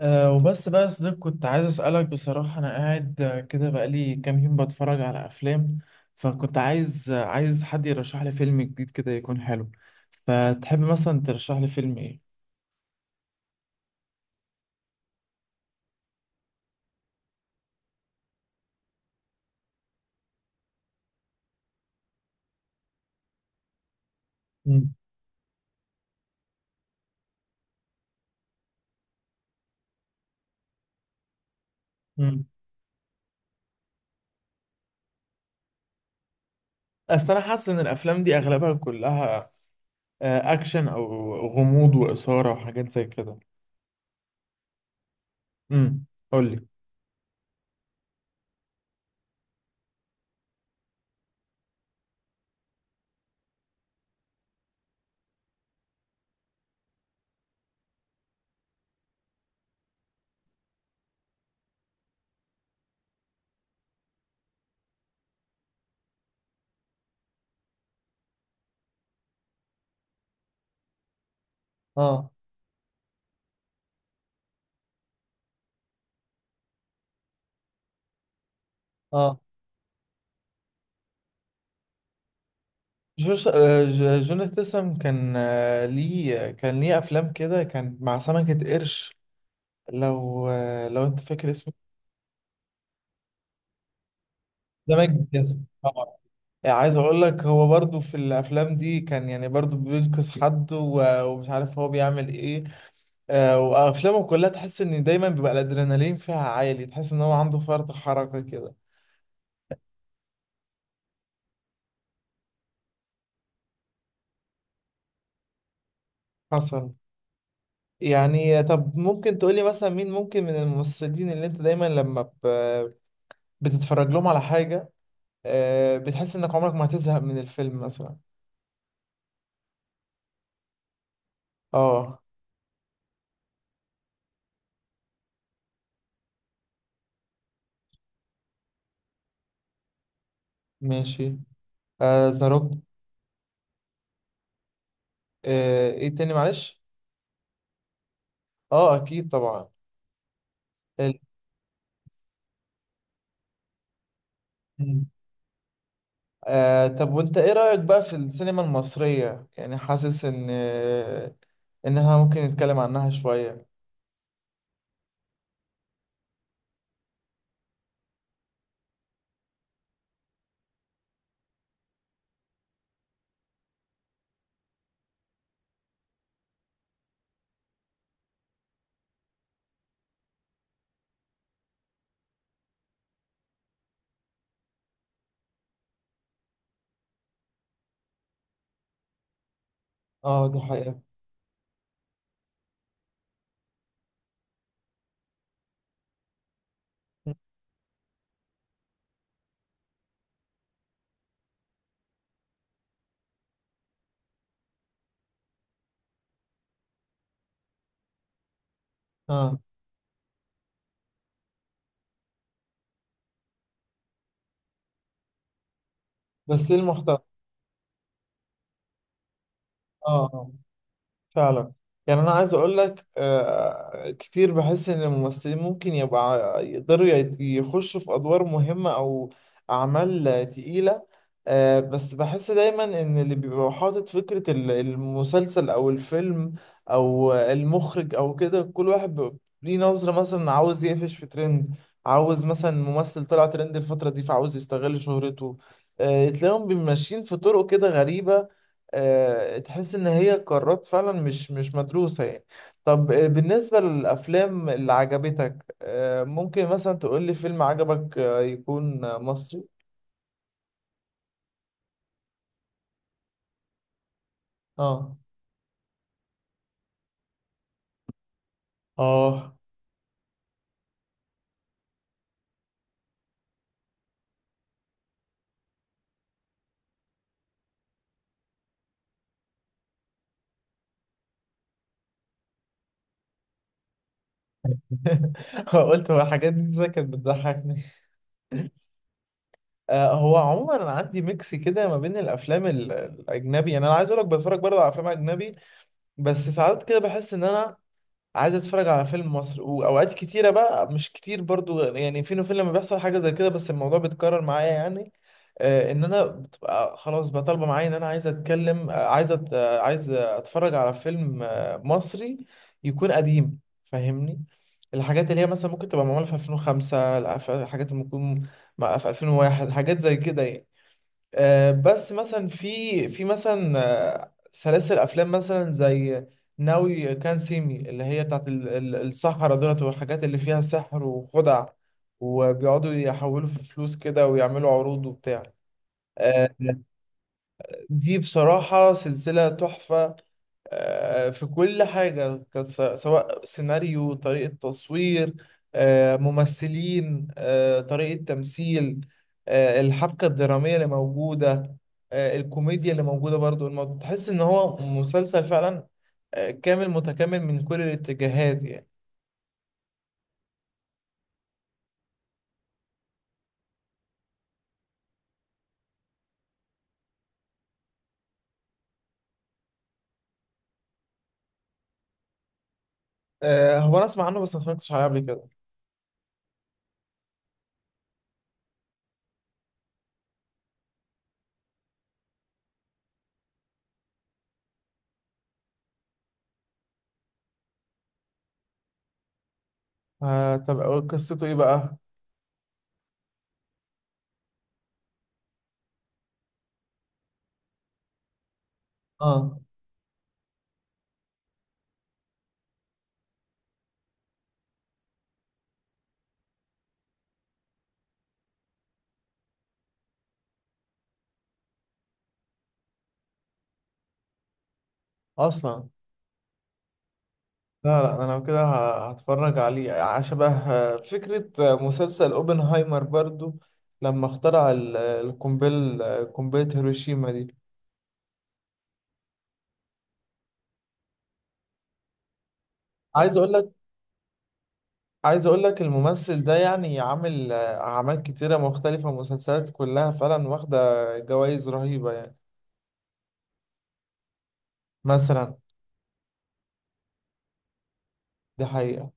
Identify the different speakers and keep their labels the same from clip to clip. Speaker 1: وبس بقى يا صديق، كنت عايز أسألك بصراحة. أنا قاعد كده بقالي كام يوم بتفرج على أفلام. فكنت عايز حد يرشح لي فيلم جديد كده يكون حلو. فتحب مثلا ترشح لي فيلم إيه؟ مم. مم. أصل أنا حاسس إن الأفلام دي أغلبها كلها أكشن أو غموض وإثارة وحاجات زي كده. امم قولي. اه، اه. جوش جون استسم كان ليه أفلام كده كان مع سمكة قرش. لو لو انت فاكر اسمه؟ سمك جاز طبعا. يعني عايز اقول لك هو برضو في الافلام دي كان يعني برضو بينقذ حد و- ومش عارف هو بيعمل ايه. وافلامه كلها تحس ان دايما بيبقى الادرينالين فيها عالي، تحس ان هو عنده فرط حركة كده. حصل. يعني طب ممكن تقولي مثلا مين ممكن من الممثلين اللي انت دايما لما بتتفرج لهم على حاجة بتحس انك عمرك ما هتزهق من الفيلم مثلا؟ اه. ماشي. ذا روك. ايه تاني، معلش؟ اه، اكيد طبعا. ال... مم. آه، طب وانت ايه رأيك بقى في السينما المصرية؟ يعني حاسس ان احنا ممكن نتكلم عنها شوية. اه، دي حقيقة. اه، بس ايه المحتوى؟ اه، فعلا. يعني انا عايز اقول لك كتير بحس ان الممثلين ممكن يبقى يقدروا يخشوا في ادوار مهمة او اعمال تقيلة. بس بحس دايما ان اللي بيبقى حاطط فكرة المسلسل او الفيلم او المخرج او كده، كل واحد بيبقى ليه نظرة، مثلا عاوز يقفش في ترند، عاوز مثلا ممثل طلع ترند الفترة دي فعاوز يستغل شهرته. تلاقيهم ماشيين في طرق كده غريبة. تحس ان هي قرارات فعلا مش مدروسة يعني. طب بالنسبة للافلام اللي عجبتك، ممكن مثلا تقول لي فيلم عجبك يكون مصري؟ اه. اه. قلت هو الحاجات دي ازاي كانت بتضحكني. هو عموما انا عندي ميكس كده ما بين الافلام الاجنبي، يعني انا عايز اقول لك بتفرج برضه على افلام اجنبي. بس ساعات كده بحس ان انا عايز اتفرج على فيلم مصري. واوقات كتيره بقى، مش كتير برضو يعني، فين وفين لما بيحصل حاجه زي كده، بس الموضوع بيتكرر معايا يعني. ان انا بتبقى خلاص بقى طالبه معايا ان انا عايز اتكلم آه، عايز أت... آه، عايز اتفرج على فيلم مصري يكون قديم، فاهمني؟ الحاجات اللي هي مثلا ممكن تبقى معموله في 2005، لا، في الحاجات اللي ممكن في 2001، حاجات زي كده يعني. بس مثلا في مثلا سلاسل افلام مثلا زي ناوي كان سيمي، اللي هي بتاعت السحرة دولت والحاجات اللي فيها سحر وخدع، وبيقعدوا يحولوا في فلوس كده ويعملوا عروض وبتاع. آه، دي بصراحة سلسلة تحفة. في كل حاجة كانت سواء سيناريو، طريقة تصوير، ممثلين، طريقة تمثيل، الحبكة الدرامية اللي موجودة، الكوميديا اللي موجودة برضو. الموضوع تحس إن هو مسلسل فعلا كامل متكامل من كل الاتجاهات يعني. هو أنا أسمع عنه بس ما اتفرجتش عليه قبل كده. طب قصته إيه بقى؟ اه. أصلا. لا، لا، انا لو كده هتفرج عليه. شبه فكرة مسلسل اوبنهايمر برضو لما اخترع ال- القنبل آه، قنبلة هيروشيما دي. عايز اقول لك عايز اقول لك الممثل ده يعني عامل اعمال كتيرة مختلفة، مسلسلات كلها فعلا واخدة جوائز رهيبة يعني. مثلا. دي حقيقة.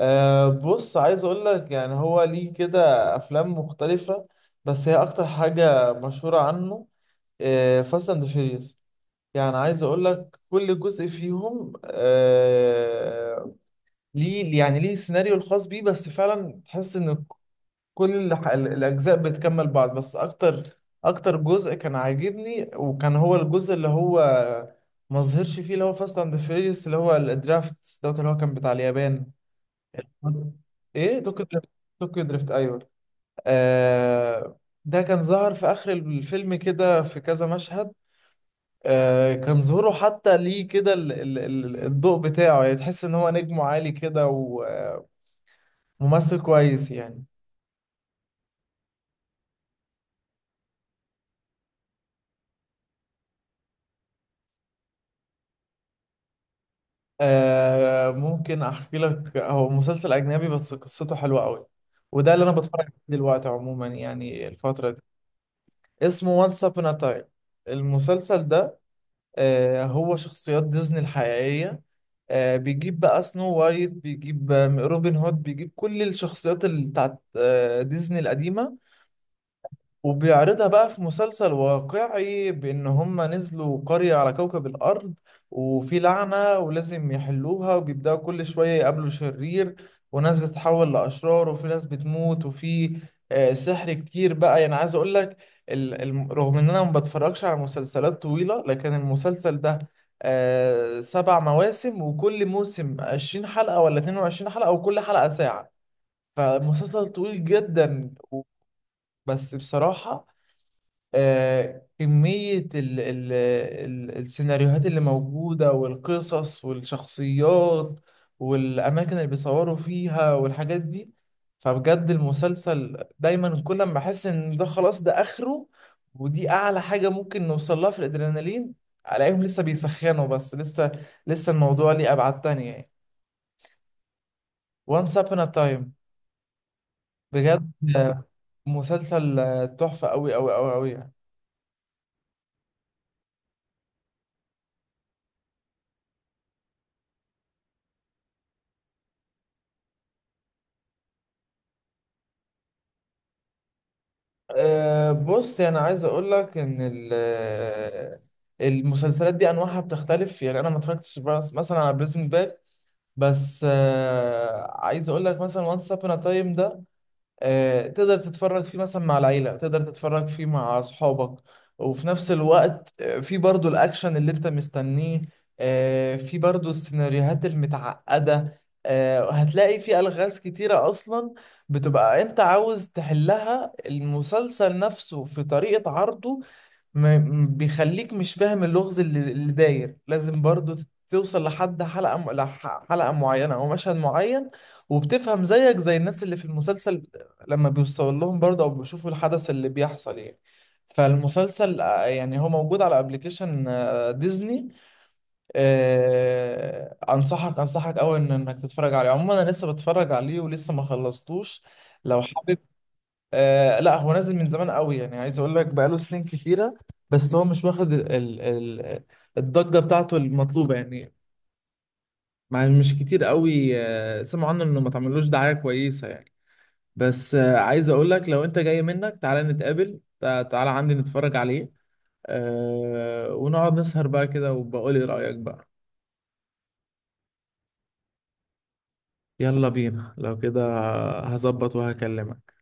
Speaker 1: أه بص، عايز اقول لك يعني هو ليه كده افلام مختلفة، بس هي اكتر حاجة مشهورة عنه فاست اند فيريوس. يعني عايز اقول لك كل جزء فيهم ليه، يعني ليه السيناريو الخاص بيه، بس فعلا تحس ان كل الاجزاء بتكمل بعض. بس اكتر جزء كان عاجبني وكان هو الجزء اللي هو ما ظهرش فيه، اللي هو فاست اند فيريوس، اللي هو الدرافت دوت، اللي هو كان بتاع اليابان. ايه، طوكيو دريفت. طوكيو دريفت، ايوه. آه ده كان ظهر في اخر الفيلم كده في كذا مشهد. كان ظهوره حتى ليه كده الضوء بتاعه، يعني تحس ان هو نجم عالي كده وممثل كويس يعني. ممكن احكي لك، هو مسلسل اجنبي بس قصته حلوة قوي، وده اللي انا بتفرج عليه دلوقتي عموما يعني الفترة دي. اسمه Once Upon a Time، المسلسل ده. هو شخصيات ديزني الحقيقية. بيجيب بقى سنو وايت، بيجيب روبن هود، بيجيب كل الشخصيات اللي بتاعت ديزني القديمة. وبيعرضها بقى في مسلسل واقعي بإن هم نزلوا قرية على كوكب الأرض، وفي لعنة ولازم يحلوها، وبيبدأوا كل شوية يقابلوا شرير، وناس بتتحول لأشرار، وفي ناس بتموت، وفي سحر كتير بقى يعني. عايز أقول لك رغم إن أنا ما بتفرجش على مسلسلات طويلة، لكن المسلسل ده سبع مواسم، وكل موسم 20 حلقة ولا 22 حلقة، وكل حلقة ساعة، فمسلسل طويل جدا. بس بصراحة كمية ال ال ال السيناريوهات اللي موجودة والقصص والشخصيات والأماكن اللي بيصوروا فيها والحاجات دي، فبجد المسلسل دايما كل ما بحس إن ده خلاص ده آخره ودي أعلى حاجة ممكن نوصل لها في الأدرينالين، ألاقيهم لسه بيسخنوا بس. لسه الموضوع ليه أبعاد تانية يعني. Once Upon a Time، بجد. آه، مسلسل تحفة أوي أوي أوي أوي يعني. أه بص، يعني عايز اقول لك ان المسلسلات دي انواعها بتختلف، يعني انا ما اتفرجتش مثلا على بريزن باك. بس عايز اقول لك مثلا وانس ابون تايم ده تقدر تتفرج فيه مثلا مع العيلة، تقدر تتفرج فيه مع أصحابك، وفي نفس الوقت في برضو الأكشن اللي أنت مستنيه. في برضو السيناريوهات المتعقدة. هتلاقي في ألغاز كتيرة أصلا بتبقى أنت عاوز تحلها. المسلسل نفسه في طريقة عرضه ما بيخليك مش فاهم اللغز اللي داير. لازم برضو توصل لحد حلقة معينة أو مشهد معين، وبتفهم زيك زي الناس اللي في المسلسل لما بيوصل لهم برضه أو بيشوفوا الحدث اللي بيحصل يعني. فالمسلسل يعني هو موجود على ابلكيشن ديزني. أنصحك أنصحك أوي إنك تتفرج عليه. عموما أنا لسه بتفرج عليه ولسه ما خلصتوش لو حابب. لا، هو نازل من زمان قوي، يعني عايز اقول لك بقاله سنين كتيره، بس هو مش واخد ال ال ال الضجه بتاعته المطلوبه يعني. مع مش كتير قوي سمعوا عنه، انه ما تعملوش دعايه كويسه يعني. بس عايز اقول لك لو انت جاي، منك تعالى نتقابل، تعالى عندي نتفرج عليه ونقعد نسهر بقى كده، وبقول لي رايك بقى. يلا بينا لو كده، هظبط وهكلمك.